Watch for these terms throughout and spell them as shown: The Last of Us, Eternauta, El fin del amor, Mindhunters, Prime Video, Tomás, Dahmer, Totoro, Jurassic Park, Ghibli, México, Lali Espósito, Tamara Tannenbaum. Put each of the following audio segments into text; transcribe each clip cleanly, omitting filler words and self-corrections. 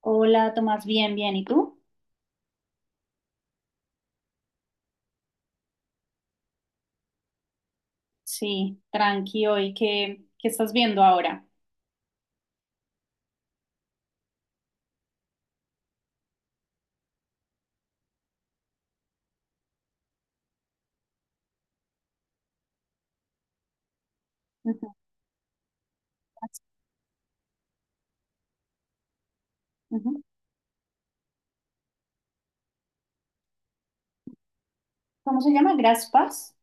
Hola, Tomás, bien, bien. ¿Y tú? Sí, tranqui hoy. ¿Qué estás viendo ahora? Ujú, ujú. ¿Cómo se llama? ¿Graspas?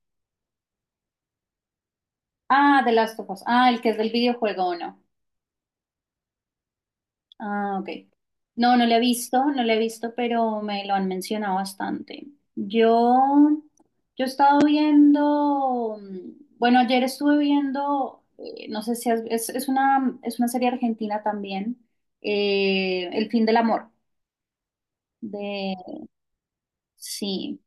Ah, The Last of Us. Ah, el que es del videojuego, ¿o no? Ah, ok. No, no lo he visto, no lo he visto, pero me lo han mencionado bastante. Yo, yo he estado viendo, bueno, ayer estuve viendo, no sé si has- es una serie argentina también, El fin del amor, de, sí.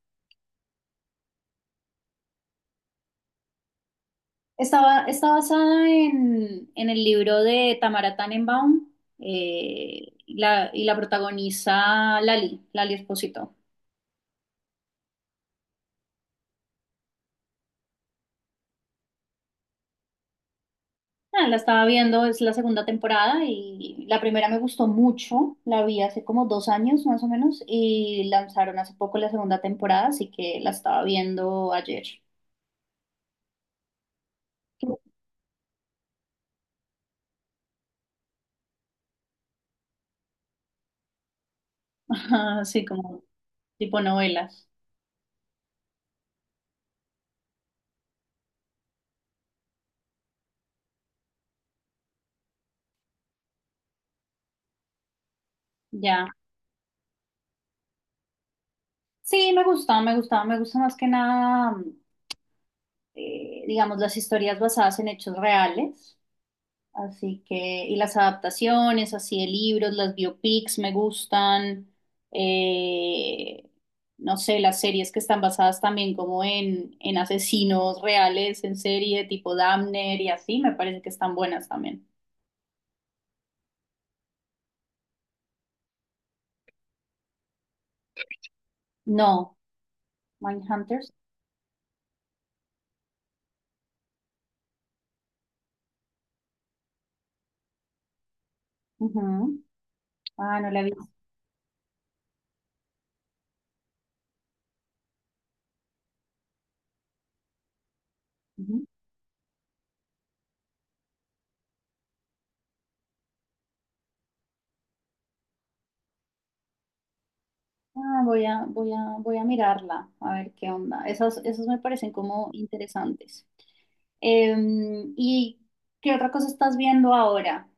Está basada en el libro de Tamara Tannenbaum, y la protagoniza Lali Espósito. Ah, la estaba viendo, es la segunda temporada y la primera me gustó mucho, la vi hace como dos años más o menos y lanzaron hace poco la segunda temporada, así que la estaba viendo ayer. Así como tipo novelas, ya. Sí, me gusta más que nada, digamos, las historias basadas en hechos reales. Así que, y las adaptaciones, así de libros, las biopics me gustan, eh, no sé, las series que están basadas también como en asesinos reales, en serie tipo Dahmer y así, me parece que están buenas también. No, Mindhunters. Ujú. Ah, no la he visto. Ujú. Ah, voy a mirarla, a ver qué onda. Esas, esas me parecen como interesantes. ¿Y qué otra cosa estás viendo ahora?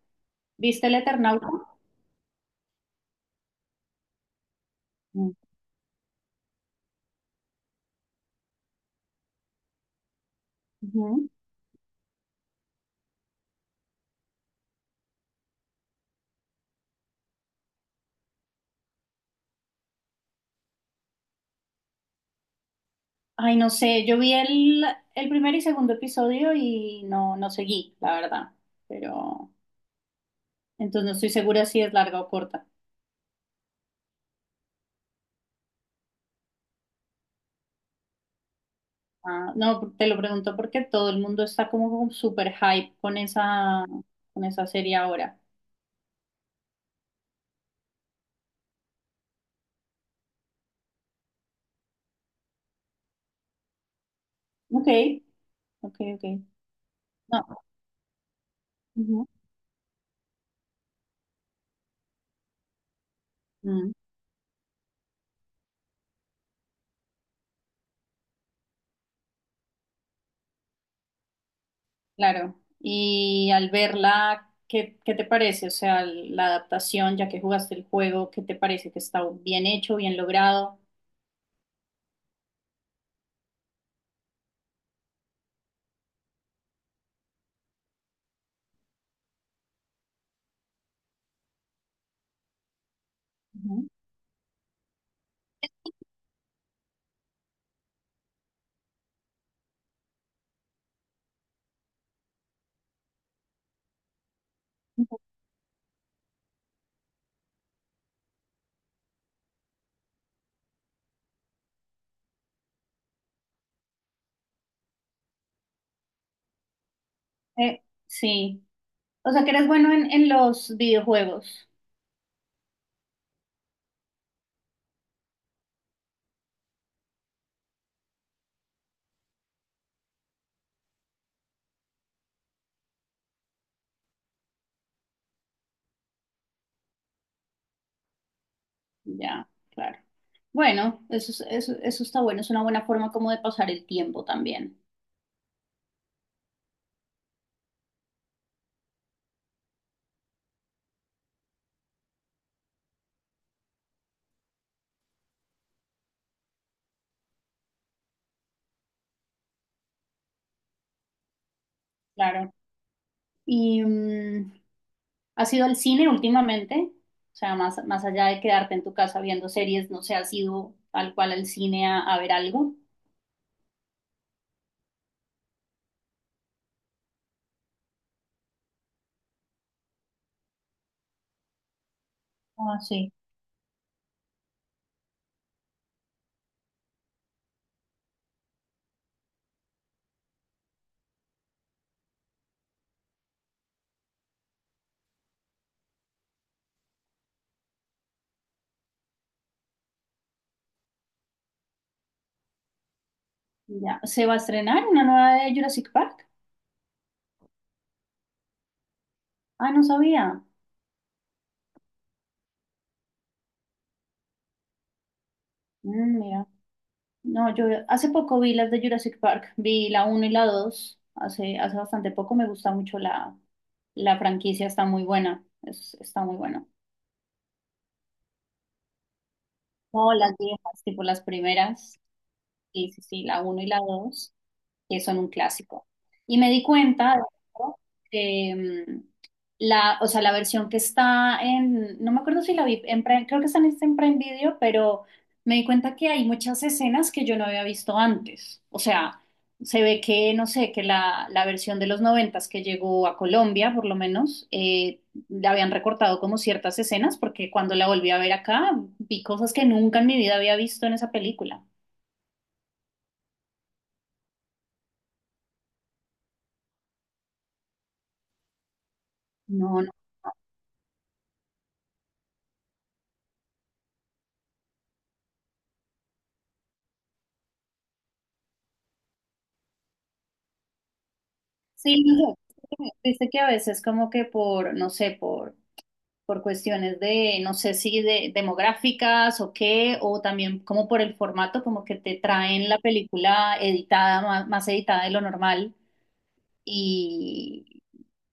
¿Viste el Eternauta? Mm. Ujú. Ay, no sé, yo vi el primer y segundo episodio y no, no seguí, la verdad. Pero entonces no estoy segura si es larga o corta. Ah, no, te lo pregunto porque todo el mundo está como con super hype con esa serie ahora. Ok, ok, ok. No. Ujú. Mm, claro. Y al verla, ¿qué te parece? O sea, la adaptación, ya que jugaste el juego, ¿qué te parece? ¿Que está bien hecho, bien logrado? Ujú. Sí, o sea que eres bueno en los videojuegos. Ya, claro. Bueno, eso, eso está bueno, es una buena forma como de pasar el tiempo también. Claro. ¿Y has ido al cine últimamente? O sea, más, más allá de quedarte en tu casa viendo series, no sé, ¿has ido tal cual al cine a ver algo? Ah, sí. Ya, ¿se va a estrenar una nueva de Jurassic Park? Ah, no sabía. Mm, mira. No, yo hace poco vi las de Jurassic Park, vi la uno y la 2 hace, hace bastante poco, me gusta mucho la, la franquicia, está muy buena. No, las viejas, tipo las primeras, sí, sí, sí, la uno y la dos, que son un clásico. Y me di cuenta de esto, que mm, o sea, la versión que está en, no me acuerdo si la vi, en creo que está en, está en Prime Video, pero me di cuenta que hay muchas escenas que yo no había visto antes. O sea, se ve que, no sé, que la versión de los noventas que llegó a Colombia, por lo menos, le habían recortado como ciertas escenas, porque cuando la volví a ver acá, vi cosas que nunca en mi vida había visto en esa película. No. Sí, no sé, viste que a veces como que por, no sé, por cuestiones de, no sé si de demográficas o qué, o también como por el formato, como que te traen la película editada, más, más editada de lo normal, y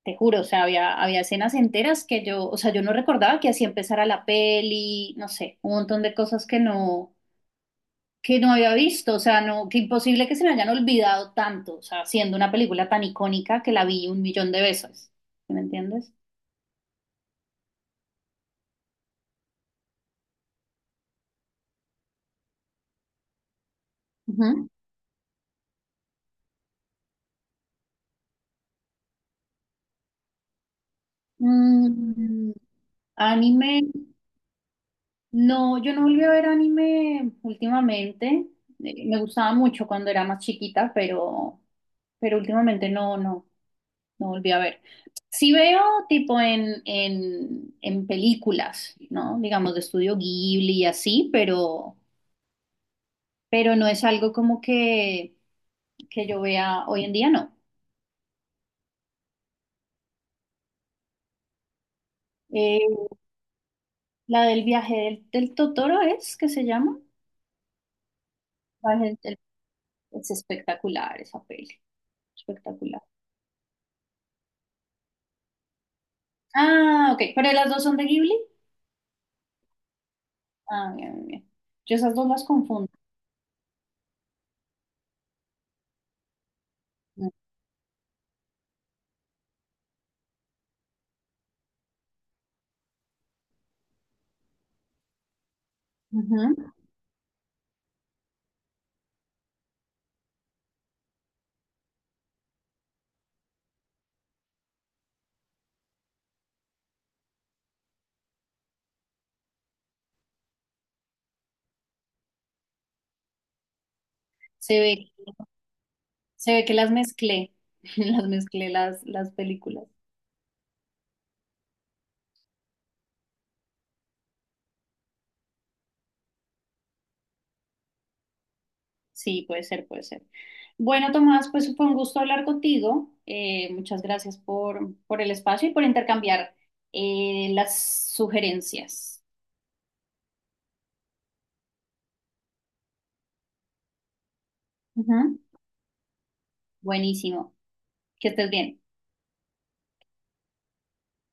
te juro, o sea, había, había escenas enteras que yo, o sea, yo no recordaba que así empezara la peli, no sé, un montón de cosas que que no había visto, o sea, no, que imposible que se me hayan olvidado tanto, o sea, siendo una película tan icónica que la vi un millón de veces, ¿sí? ¿Me entiendes? Ujú. Mm, anime, no, yo no volví a ver anime últimamente. Me gustaba mucho cuando era más chiquita, pero últimamente no volví a ver. Sí veo tipo en, en películas, ¿no? Digamos de estudio Ghibli y así, pero no es algo como que yo vea hoy en día, no. Eh, la del viaje del Totoro es que se llama. Viaje del- Es espectacular esa peli, espectacular. Ah, ok, pero las dos son de Ghibli. Ah, bien, bien, bien. Yo esas dos las confundo. Ujú. Se ve, se ve que las mezclé, las mezclé las películas. Sí, puede ser, puede ser. Bueno, Tomás, pues fue un gusto hablar contigo. Muchas gracias por el espacio y por intercambiar las sugerencias. Ujú, buenísimo. Que estés bien.